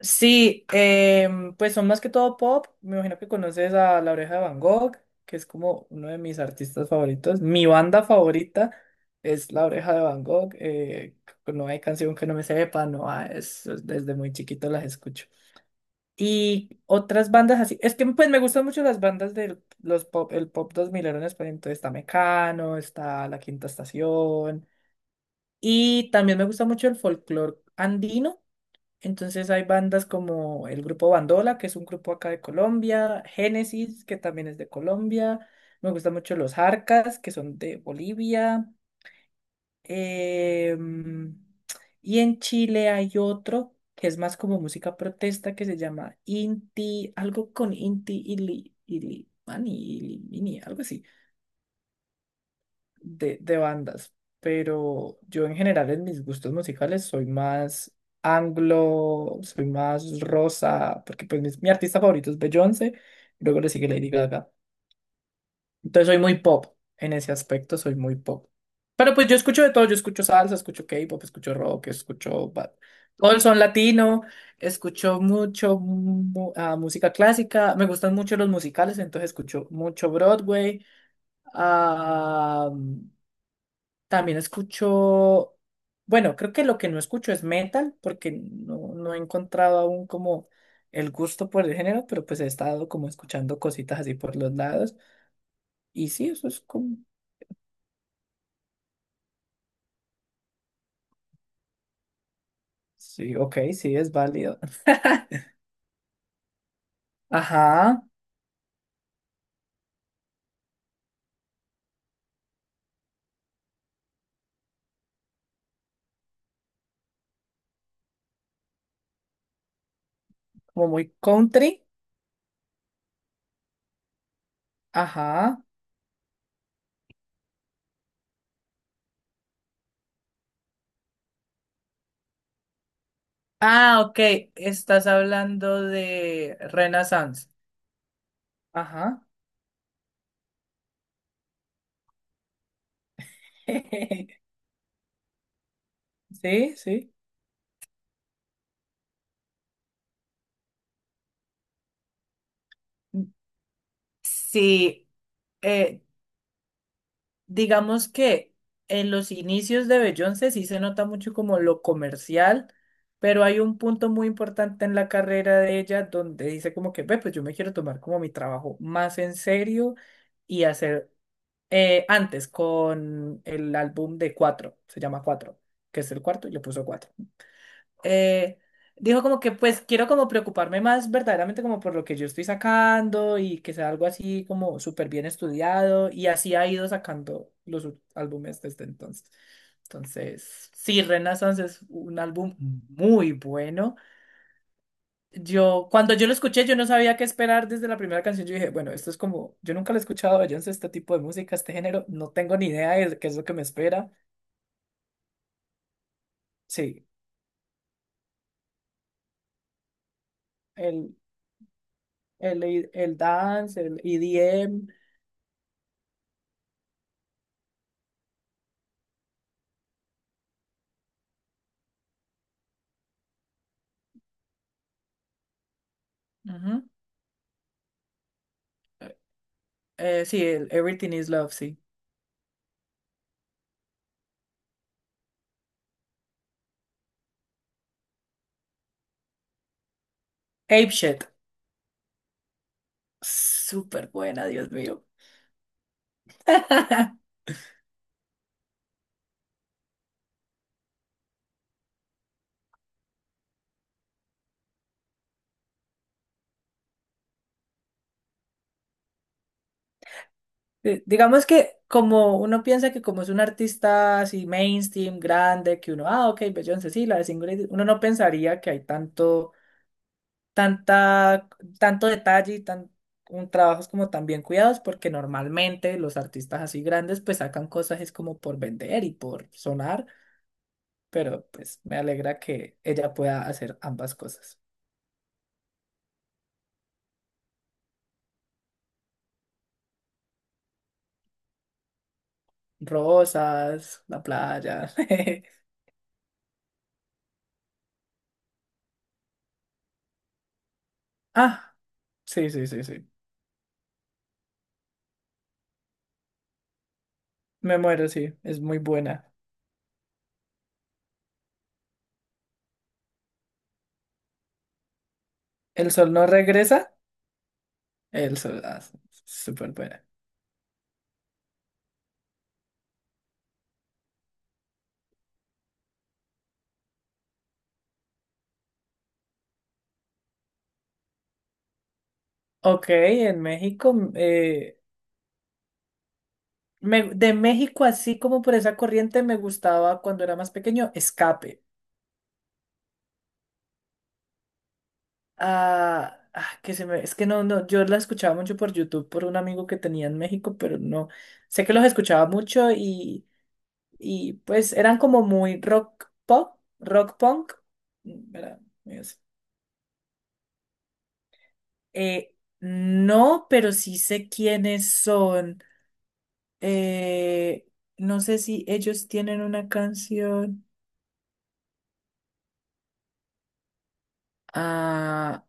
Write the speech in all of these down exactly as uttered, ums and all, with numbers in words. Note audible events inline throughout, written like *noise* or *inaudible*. Sí, em, pues son más que todo pop. Me imagino que conoces a La Oreja de Van Gogh, que es como uno de mis artistas favoritos. Mi banda favorita es La Oreja de Van Gogh. Eh, no hay canción que no me sepa, no hay- es- es- desde muy chiquito las escucho. Y otras bandas así, es que pues me gustan mucho las bandas del los pop, el pop dos mil en español. Entonces está Mecano, está La Quinta Estación. Y también me gusta mucho el folclore andino, entonces hay bandas como el grupo Bandola, que es un grupo acá de Colombia, Génesis, que también es de Colombia. Me gustan mucho los Jarcas, que son de Bolivia. Em, y en Chile hay otro que es más como música protesta que se llama Inti, algo con Inti Ili, Ili, Mani, Ili, Mini, algo así de de bandas, pero yo en general en mis gustos musicales soy más anglo, soy más rosa, porque pues mis- mi, artista favorito es Beyoncé, luego le sigue Lady Gaga. Entonces soy muy pop, en ese aspecto soy muy pop. Pero pues yo escucho de todo, yo escucho salsa, escucho K-pop, escucho rock, escucho ba- todo el son latino, escucho mucho mu- ah, música clásica, me gustan mucho los musicales, entonces escucho mucho Broadway. Ah, También escucho, bueno, creo que lo que no escucho es metal, porque no, no he encontrado aún como el gusto por el género, pero pues he estado como escuchando cositas así por los lados. Y sí, eso es como, sí, ok, sí, es válido. *laughs* Ajá, como muy country. Ajá, ah, ok, estás hablando de Renaissance. Ajá. *laughs* Sí, sí. Sí, eh, digamos que en los inicios de Beyoncé sí se nota mucho como lo comercial, pero hay un punto muy importante en la carrera de ella donde dice como que, ve, pues yo me quiero tomar como mi trabajo más en serio y hacer, eh, antes, con el álbum de Cuatro, se llama Cuatro, que es el cuarto y le puso Cuatro. eh, Dijo como que pues quiero como preocuparme más verdaderamente como por lo que yo estoy sacando y que sea algo así como súper bien estudiado, y así ha ido sacando los ú- álbumes desde entonces. Entonces, sí, Renaissance es un álbum muy bueno. Yo, cuando yo lo escuché, yo no sabía qué esperar desde la primera canción. Yo dije, bueno, esto es como, yo nunca lo he escuchado, yo no sé este tipo de música, este género, no tengo ni idea de qué es lo que me espera. Sí, el, el, el dance, el E D M. Ujú. Eh, eh, sí, el Everything is Love, sí. Ape Shit. Súper buena, Dios mío. *laughs* Eh, digamos que como uno piensa que como es un artista así mainstream, grande, que uno, ah, ok, Beyoncé, sí, la de Single Ladies", uno no pensaría que hay tanto, tanta, tanto detalle y tan, un trabajos como tan bien cuidados, porque normalmente los artistas así grandes pues sacan cosas es como por vender y por sonar, pero pues me alegra que ella pueda hacer ambas cosas. Rosas, la playa. *laughs* Ah, sí, sí, sí, sí. Me muero, sí. Es muy buena. ¿El sol no regresa? El sol, ah, sí, súper buena. Ok, en México, mm, eh, me- de México, así como por esa corriente, me gustaba cuando era más pequeño, Escape. Ah, ah, que se me, es que No, no, yo la escuchaba mucho por YouTube por un amigo que tenía en México, pero no. Sé que los escuchaba mucho, y Y pues eran como muy rock pop, rock punk, ¿verdad? Es- eh, no, pero sí sé quiénes son. Eh, no sé si ellos tienen una canción. Ah,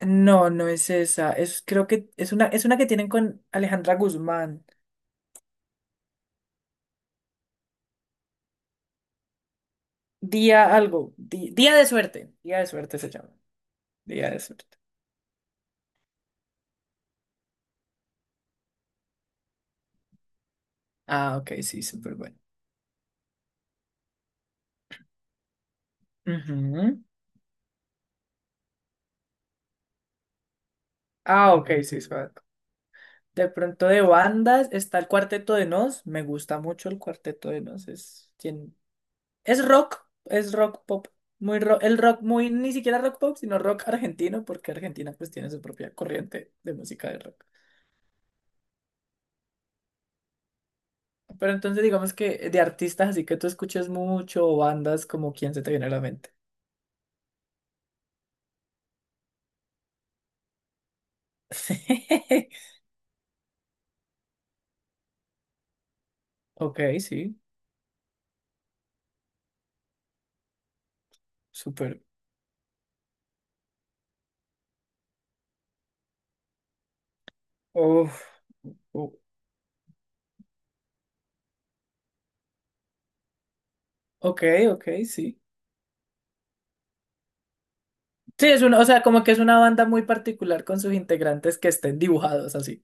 no, no es esa. Es, creo que es una, es una que tienen con Alejandra Guzmán. Día algo. Di- Día de suerte. Día de suerte se llama. Día de suerte. Ah, ok, sí, súper bueno. Ujú. Ah, ok, sí, suave. De pronto de bandas está el Cuarteto de Nos. Me gusta mucho el Cuarteto de Nos. Es, tien- es rock, es rock pop. Muy ro- el rock, muy, ni siquiera rock pop, sino rock argentino, porque Argentina pues tiene su propia corriente de música de rock. Pero entonces digamos que de artistas así que tú escuches mucho o bandas como quién se te viene a la mente. *laughs* Ok, sí, súper. Uf, u- ok, ok, sí. Sí, es una, o sea, como que es una banda muy particular con sus integrantes que estén dibujados así.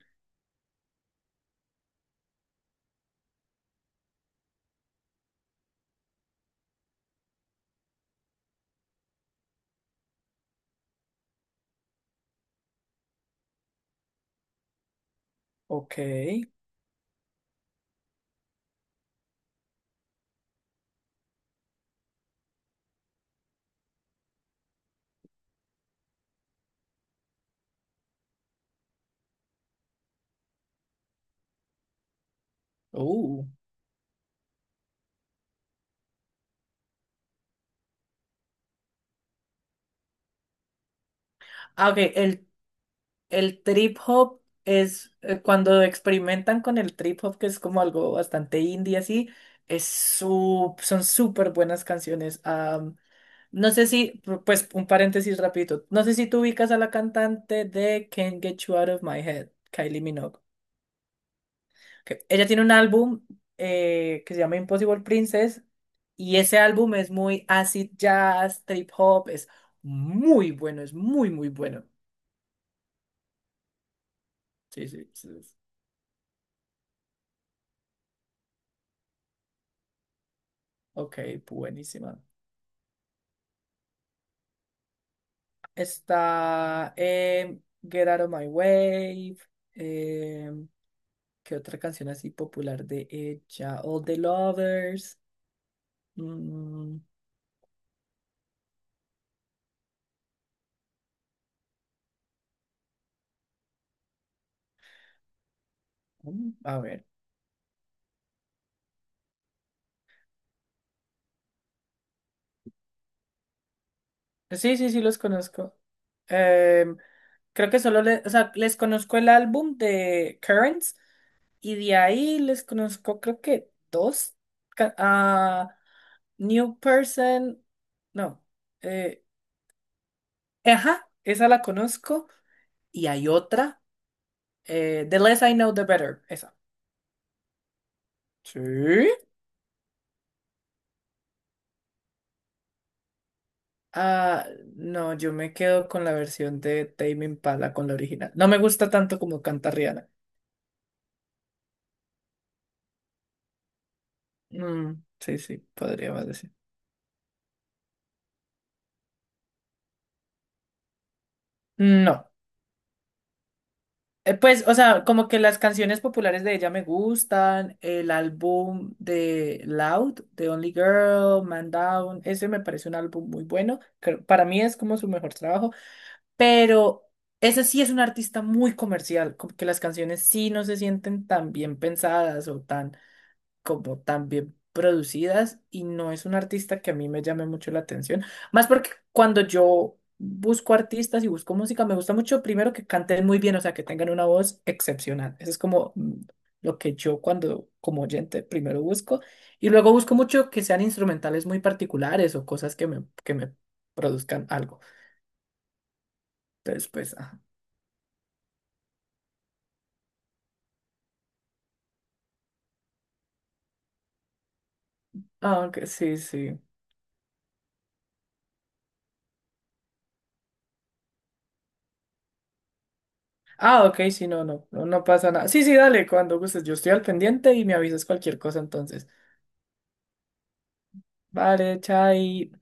Ok. Uh. Ah, ok, el, el trip hop es, eh, cuando experimentan con el trip hop, que es como algo bastante indie así, es su- son súper buenas canciones. Am, no sé si, pu- pues un paréntesis rapidito, no sé si tú ubicas a la cantante de Can't Get You Out of My Head, Kylie Minogue. Que ella tiene un álbum, eh, que se llama Impossible Princess, y ese álbum es muy acid jazz, trip hop, es muy bueno, es muy, muy bueno. Sí, sí, sí, sí. Ok, buenísima. Está em, Get Out of My Way. em, ¿Qué otra canción así popular de ella? All the Lovers. Mm, mm, a ver. Sí, sí, sí, los conozco. Em, Creo que solo le- o sea, les conozco el álbum de Currents y de ahí les conozco, creo que dos. Ca- a New Person. No. Eh, ajá, esa la conozco. Y hay otra, eh, The Less I Know, The Better. Esa. Sí. Ah, no, yo me quedo con la versión de Tame Impala, con la original. No me gusta tanto como canta Rihanna. Mm, sí, sí, podríamos decir. No. Eh, pues, o sea, como que las canciones populares de ella me gustan. El álbum de Loud, The Only Girl, Man Down, ese me parece un álbum muy bueno. Creo- Para mí es como su mejor trabajo. Pero ese sí es un artista muy comercial, como que las canciones sí no se sienten tan bien pensadas o tan como tan bien producidas, y no es un artista que a mí me llame mucho la atención, más porque cuando yo busco artistas y busco música me gusta mucho primero que canten muy bien, o sea, que tengan una voz excepcional. Eso es como, mm, lo que yo cuando como oyente primero busco, y luego busco mucho que sean instrumentales muy particulares o cosas que me que me produzcan algo. Entonces, pues, ajá. Ah, ok, sí, sí. Ah, ok, sí, no, no, no, no pasa nada. Sí, sí, dale, cuando gustes, yo estoy al pendiente y me avisas cualquier cosa entonces. Vale, chai.